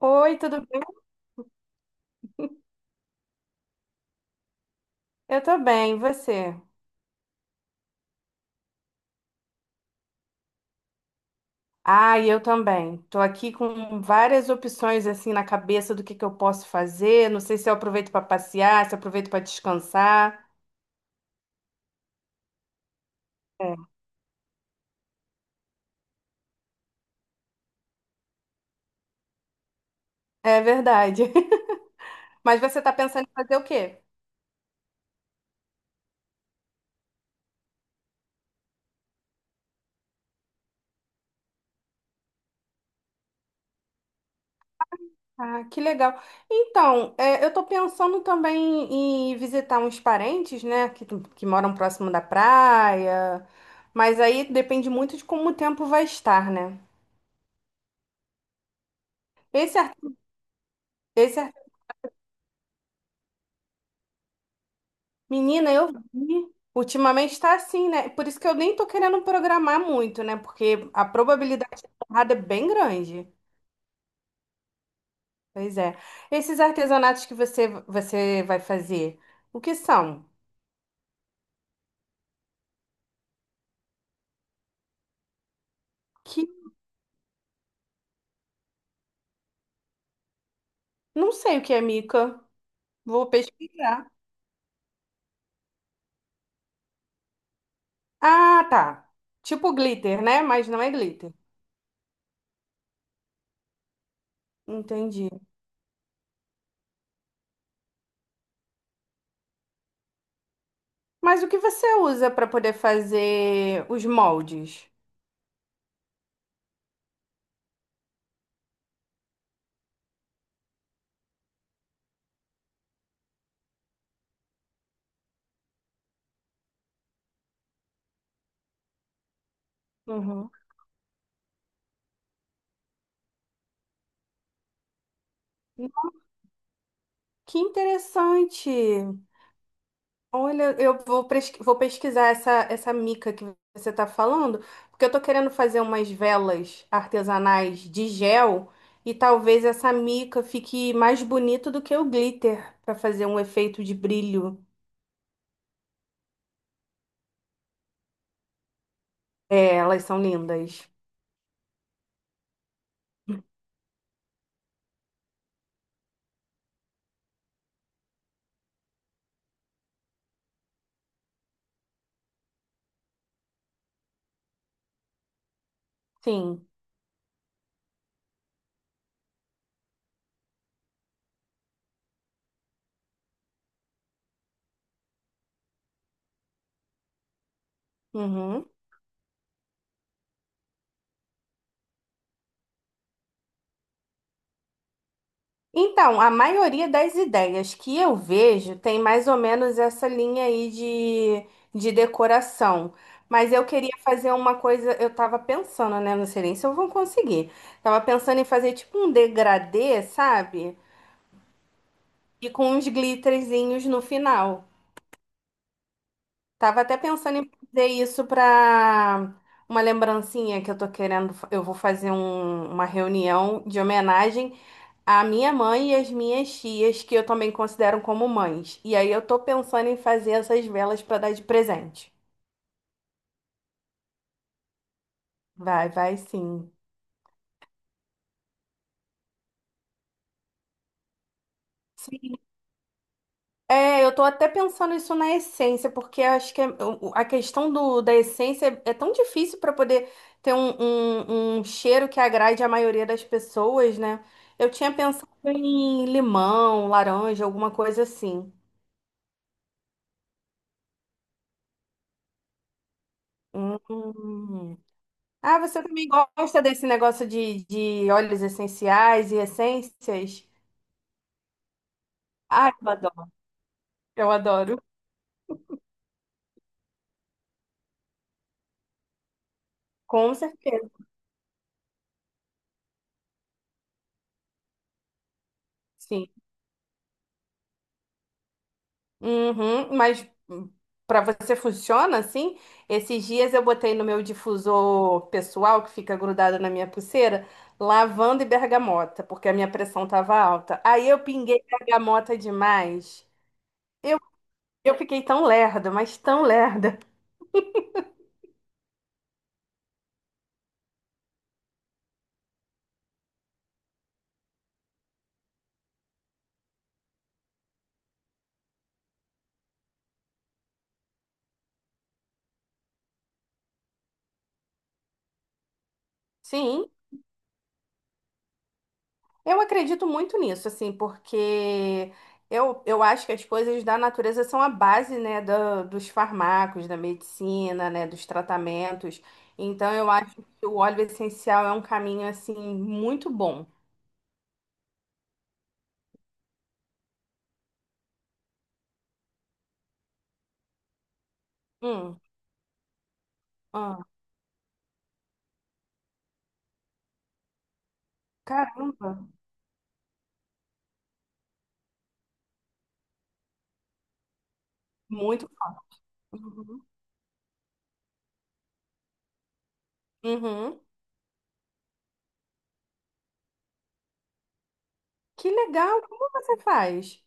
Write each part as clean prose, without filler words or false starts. Oi, tudo bem? Eu tô bem, e você? Ah, e eu também. Tô aqui com várias opções assim na cabeça do que eu posso fazer. Não sei se eu aproveito para passear, se eu aproveito para descansar. É. É verdade. Mas você tá pensando em fazer o quê? Ah, que legal. Então, é, eu tô pensando também em visitar uns parentes, né, que moram próximo da praia. Mas aí depende muito de como o tempo vai estar, né? Esse, ar- esse Menina, eu vi. Ultimamente está assim, né? Por isso que eu nem tô querendo programar muito, né? Porque a probabilidade de dar errado é bem grande. Pois é. Esses artesanatos que você vai fazer, o que são? Que não sei o que é mica. Vou pesquisar. Ah, tá. Tipo glitter, né? Mas não é glitter. Entendi. Mas o que você usa para poder fazer os moldes? Uhum. Que interessante. Olha, vou pesquisar essa mica que você está falando, porque eu estou querendo fazer umas velas artesanais de gel e talvez essa mica fique mais bonito do que o glitter para fazer um efeito de brilho. É, elas são lindas. Sim. Uhum. Então, a maioria das ideias que eu vejo tem mais ou menos essa linha aí de decoração. Mas eu queria fazer uma coisa, eu tava pensando, né? Não sei nem se eu vou conseguir. Tava pensando em fazer tipo um degradê, sabe? E com uns glitterzinhos no final. Tava até pensando em fazer isso pra uma lembrancinha que eu tô Eu vou fazer uma reunião de homenagem a minha mãe e as minhas tias, que eu também considero como mães. E aí eu tô pensando em fazer essas velas pra dar de presente. Vai, vai sim. Sim. É, eu tô até pensando isso na essência, porque acho que a questão da essência é tão difícil para poder ter um cheiro que agrade a maioria das pessoas, né? Eu tinha pensado em limão, laranja, alguma coisa assim. Hum. Ah, você também gosta desse negócio de óleos essenciais e essências? Ah, eu adoro. Eu adoro. Com certeza, sim. Uhum, mas para você funciona assim? Esses dias eu botei no meu difusor pessoal, que fica grudado na minha pulseira, lavanda e bergamota, porque a minha pressão estava alta. Aí eu pinguei bergamota demais. Eu, eu fiquei tão lerda, mas tão lerda. Sim. Eu acredito muito nisso, assim, porque eu acho que as coisas da natureza são a base, né, dos farmacos, da medicina, né, dos tratamentos. Então, eu acho que o óleo essencial é um caminho, assim, muito bom. Hum, ah, caramba, muito. Uhum. Uhum. Que legal, como você faz?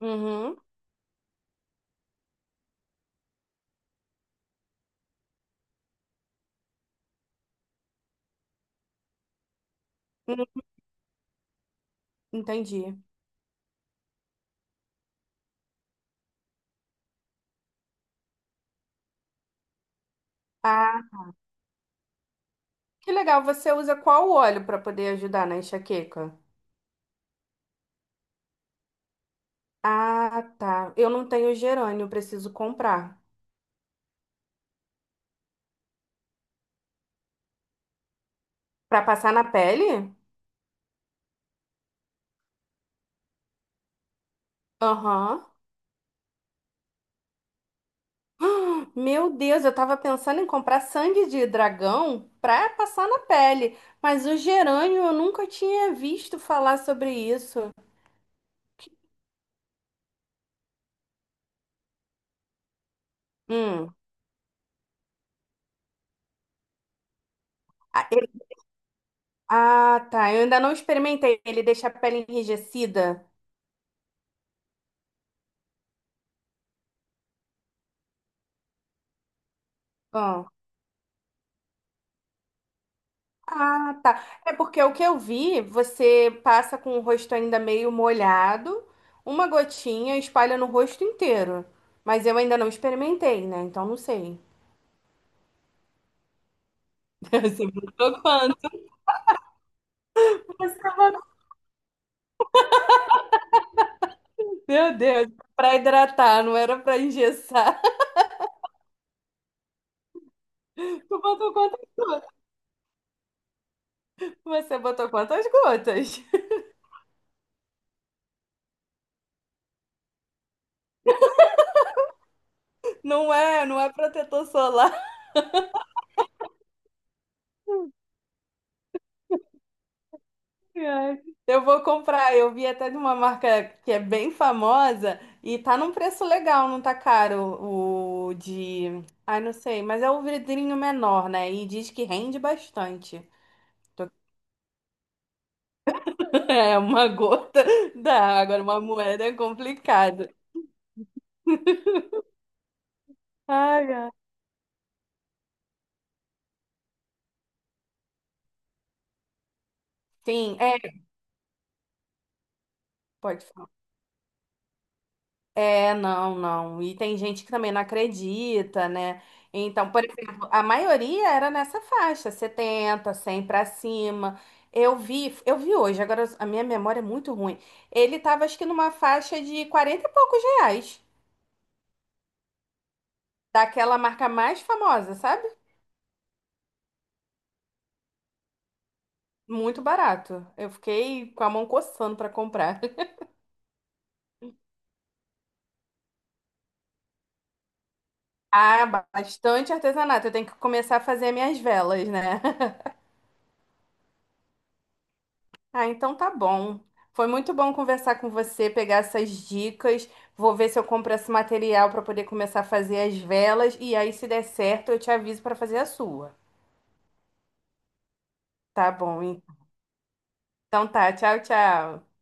Uhum. Hum, entendi. Ah, que legal, você usa qual óleo para poder ajudar na enxaqueca? Ah, tá. Eu não tenho gerânio, preciso comprar. Pra passar na pele? Aham. Meu Deus, eu tava pensando em comprar sangue de dragão pra passar na pele, mas o gerânio eu nunca tinha visto falar sobre isso. Hum. Ah, ele- ah, tá. Eu ainda não experimentei. Ele deixa a pele enrijecida. Ah, tá. É porque o que eu vi, você passa com o rosto ainda meio molhado, uma gotinha e espalha no rosto inteiro. Mas eu ainda não experimentei, né? Então não sei. Você botou quanto? Você botou- Meu Deus, pra hidratar, não era pra engessar. Tu botou quanto? Você botou quantas gotas? Não é, não é protetor solar. Ai, eu vou comprar. Eu vi até de uma marca que é bem famosa e tá num preço legal, não tá caro o de. Ai, não sei, mas é o vidrinho menor, né? E diz que rende bastante. Tô- É uma gota da água, uma moeda é complicado. Ai, ai. Sim, é. Pode é, não, não. E tem gente que também não acredita, né? Então, por exemplo, a maioria era nessa faixa, 70, 100 pra cima. Eu vi hoje, agora a minha memória é muito ruim. Ele tava, acho que numa faixa de 40 e poucos reais, daquela marca mais famosa, sabe? Muito barato. Eu fiquei com a mão coçando pra comprar. Ah, bastante artesanato. Eu tenho que começar a fazer minhas velas, né? Ah, então tá bom. Foi muito bom conversar com você, pegar essas dicas. Vou ver se eu compro esse material para poder começar a fazer as velas. E aí, se der certo, eu te aviso para fazer a sua. Tá bom, então tá. Tchau, tchau.